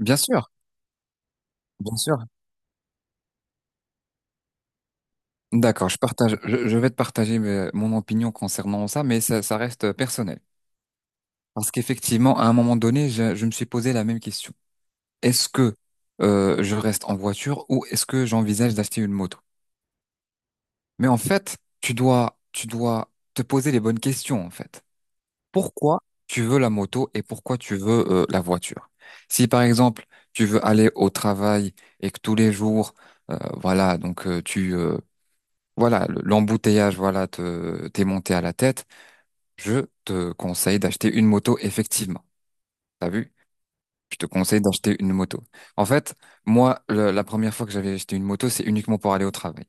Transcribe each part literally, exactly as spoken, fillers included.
Bien sûr, bien sûr. D'accord, je partage, je, je vais te partager euh, mon opinion concernant ça, mais ça, ça reste euh, personnel. Parce qu'effectivement, à un moment donné, je, je me suis posé la même question. Est-ce que euh, je reste en voiture ou est-ce que j'envisage d'acheter une moto? Mais en fait, tu dois, tu dois te poser les bonnes questions, en fait. Pourquoi tu veux la moto et pourquoi tu veux euh, la voiture? Si par exemple, tu veux aller au travail et que tous les jours, euh, voilà, donc euh, tu, euh, Voilà, le- l'embouteillage, voilà, te, t'es monté à la tête. Je te conseille d'acheter une moto, effectivement. T'as vu? Je te conseille d'acheter une moto. En fait, moi, le- la première fois que j'avais acheté une moto, c'est uniquement pour aller au travail.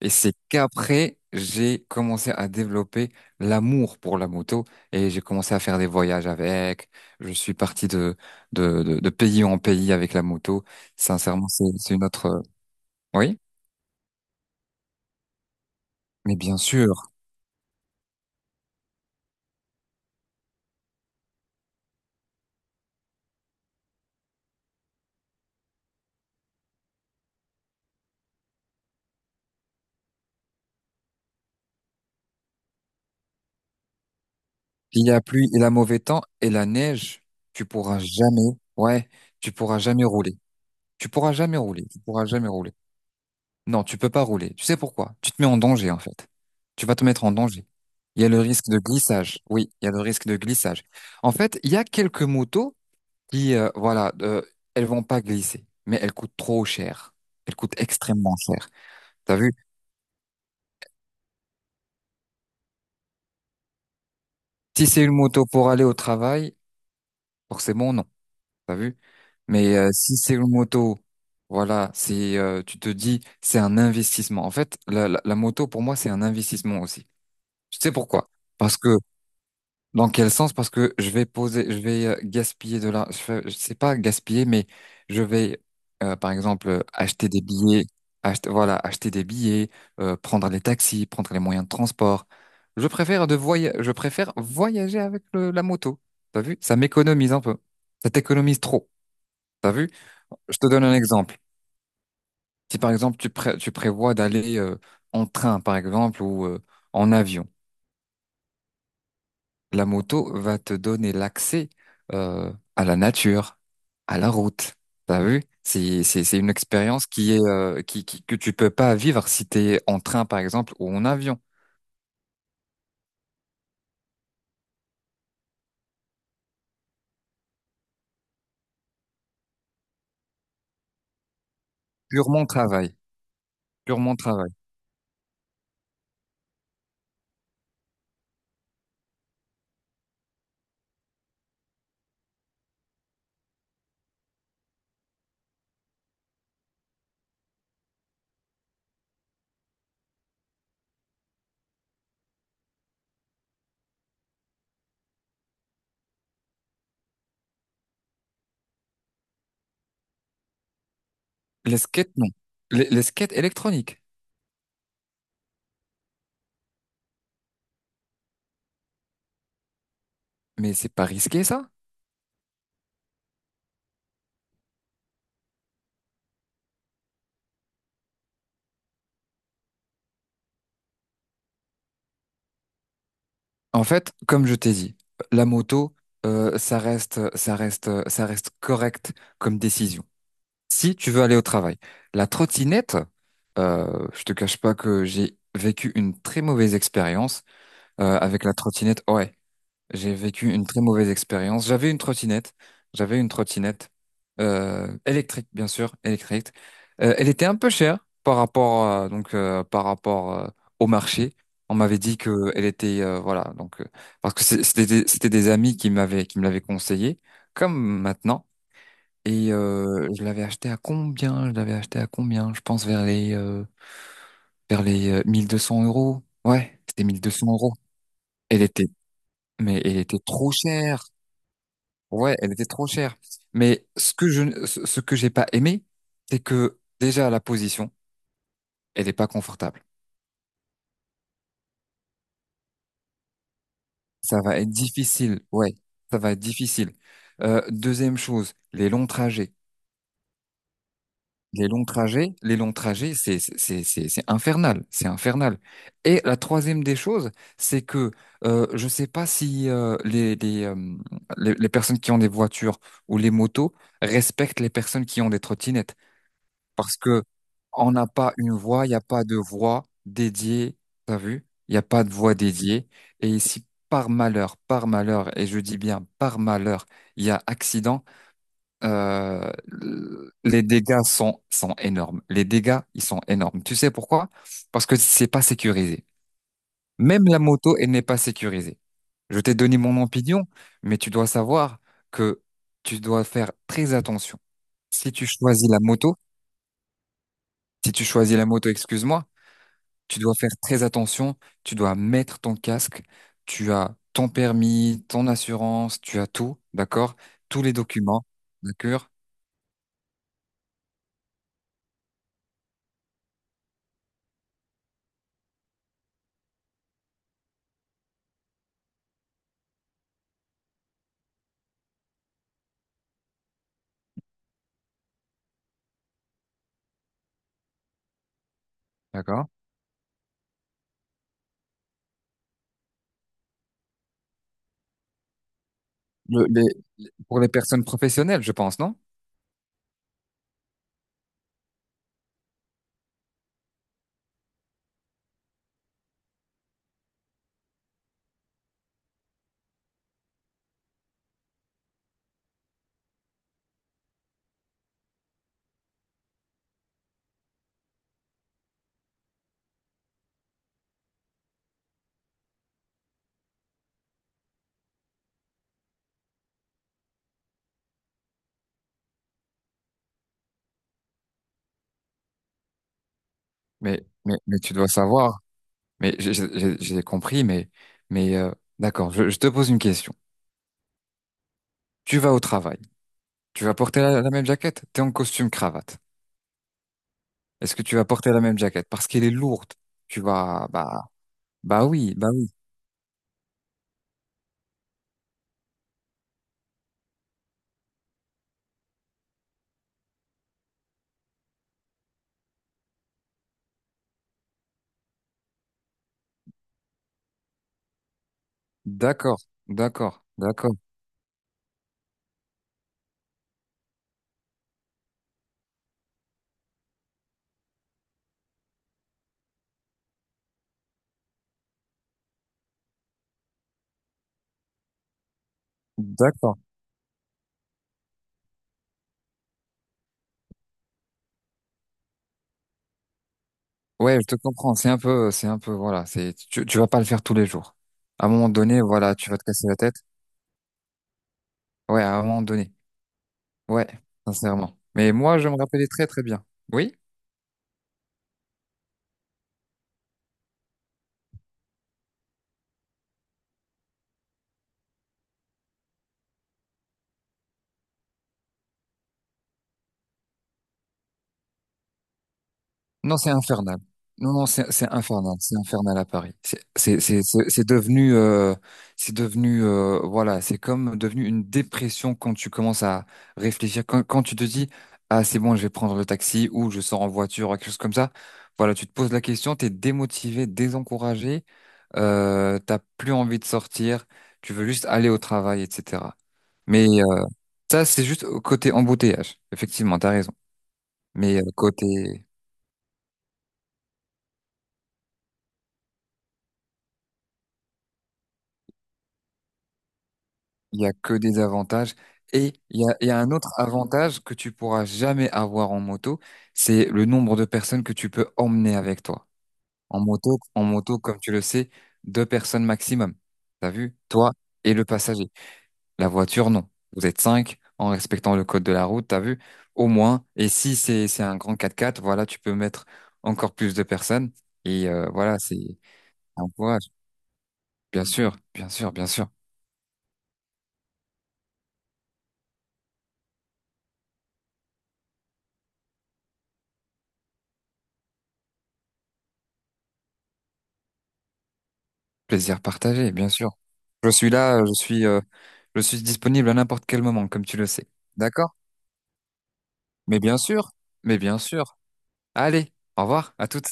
Et c'est qu'après, j'ai commencé à développer l'amour pour la moto et j'ai commencé à faire des voyages avec. Je suis parti de, de, de, de pays en pays avec la moto. Sincèrement, c'est, c'est une autre... euh, Oui, mais bien sûr. Il y a pluie, il a mauvais temps et la neige, tu pourras jamais, ouais, tu pourras jamais rouler. Tu pourras jamais rouler, tu pourras jamais rouler. Non, tu peux pas rouler. Tu sais pourquoi? Tu te mets en danger, en fait. Tu vas te mettre en danger. Il y a le risque de glissage. Oui, il y a le risque de glissage. En fait, il y a quelques motos qui, euh, voilà, euh, elles vont pas glisser, mais elles coûtent trop cher. Elles coûtent extrêmement cher. T'as vu? Si c'est une moto pour aller au travail, forcément, non. T'as vu? Mais euh, si c'est une moto, voilà, c'est euh, tu te dis c'est un investissement. En fait, la, la, la moto pour moi c'est un investissement aussi. Tu sais pourquoi? Parce que dans quel sens? Parce que je vais poser, je vais euh, gaspiller de l'argent. Je, je sais pas gaspiller, mais je vais euh, par exemple euh, acheter des billets, acheter voilà, acheter des billets, euh, prendre les taxis, prendre les moyens de transport. Je préfère de voya- je préfère voyager avec le- la moto. T'as vu? Ça m'économise un peu. Ça t'économise trop. T'as vu? Je te donne un exemple. Si par exemple tu, pré- tu prévois d'aller euh, en train par exemple ou euh, en avion, la moto va te donner l'accès euh, à la nature, à la route. T'as vu? C'est c'est c'est une expérience qui est euh, qui, qui que tu peux pas vivre si t'es en train par exemple ou en avion. Purement travail, purement travail. Les skates non, les, les skates électroniques. Mais c'est pas risqué ça? En fait, comme je t'ai dit, la moto, euh, ça reste, ça reste, ça reste correct comme décision. Si tu veux aller au travail, la trottinette, euh, je te cache pas que j'ai vécu une très mauvaise expérience euh, avec la trottinette. Ouais, j'ai vécu une très mauvaise expérience. J'avais une trottinette. J'avais une trottinette euh, électrique, bien sûr, électrique. Euh, elle était un peu chère par rapport euh, donc euh, par rapport euh, au marché. On m'avait dit que elle était euh, voilà donc euh, parce que c'est- c'était des- c'était des amis qui m'avaient qui me l'avaient conseillé comme maintenant et euh, je l'avais acheté à combien? Je l'avais acheté à combien? Je pense vers les euh, vers les euh, mille deux cents euros. Ouais, c'était mille deux cents euros. Elle était mais elle était trop chère. Ouais, elle était trop chère. Mais ce que je, ce ce que j'ai pas aimé, c'est que déjà la position, elle est pas confortable. Ça va être difficile. Ouais, ça va être difficile. Euh, deuxième chose, les longs trajets. Les longs trajets, les longs trajets, c'est c'est c'est c'est infernal, c'est infernal. Et la troisième des choses, c'est que euh, je sais pas si euh, les les, euh, les les personnes qui ont des voitures ou les motos respectent les personnes qui ont des trottinettes. Parce que on n'a pas une voix, il n'y a pas de voix dédiée, t'as vu? Il n'y a pas de voix dédiée. Et si par malheur, par malheur, et je dis bien par malheur, il y a accident, euh, les dégâts sont, sont énormes. Les dégâts, ils sont énormes. Tu sais pourquoi? Parce que c'est pas sécurisé. Même la moto, elle n'est pas sécurisée. Je t'ai donné mon opinion, mais tu dois savoir que tu dois faire très attention. Si tu choisis la moto, si tu choisis la moto, excuse-moi, tu dois faire très attention, tu dois mettre ton casque, tu as ton permis, ton assurance, tu as tout, d'accord? Tous les documents, d'accord? D'accord? Le- les, pour les personnes professionnelles, je pense, non? Mais, mais, mais tu dois savoir. Mais j'ai j'ai- j'ai compris, mais, mais euh, d'accord, je je te pose une question. Tu vas au travail. Tu vas porter la, la même jaquette? T'es en costume cravate. Est-ce que tu vas porter la même jaquette? Parce qu'elle est lourde. Tu vas, bah, bah oui, bah oui. D'accord, d'accord, d'accord, d'accord. Ouais, je te comprends. C'est un peu, c'est un peu, voilà. C'est, tu, tu vas pas le faire tous les jours. À un moment donné, voilà, tu vas te casser la tête. Ouais, à un moment donné. Ouais, sincèrement. Mais moi, je me rappelais très, très bien. Oui? Non, c'est infernal. Non, non, c'est c'est infernal. C'est infernal à Paris. C'est c'est c'est c'est c'est devenu euh, c'est devenu euh, voilà, c'est comme devenu une dépression quand tu commences à réfléchir. Quand quand tu te dis ah c'est bon, je vais prendre le taxi ou je sors en voiture ou quelque chose comme ça. Voilà, tu te poses la question, t'es démotivé, désencouragé, euh, t'as plus envie de sortir, tu veux juste aller au travail, et cetera. Mais euh, ça, c'est juste côté embouteillage. Effectivement, t'as raison. Mais euh, côté Il y a que des avantages. Et il y a, il y a un autre avantage que tu pourras jamais avoir en moto, c'est le nombre de personnes que tu peux emmener avec toi. En moto, en moto, comme tu le sais, deux personnes maximum. T'as vu? Toi et le passager. La voiture, non. Vous êtes cinq en respectant le code de la route, t'as vu? Au moins. Et si c'est, c'est un grand quatre-quatre, voilà, tu peux mettre encore plus de personnes. Et euh, voilà, c'est un courage. Bien sûr, bien sûr, bien sûr. Plaisir partagé, bien sûr. Je suis là. je suis euh, Je suis disponible à n'importe quel moment, comme tu le sais. D'accord? Mais bien sûr, mais bien sûr. Allez, au revoir, à toutes.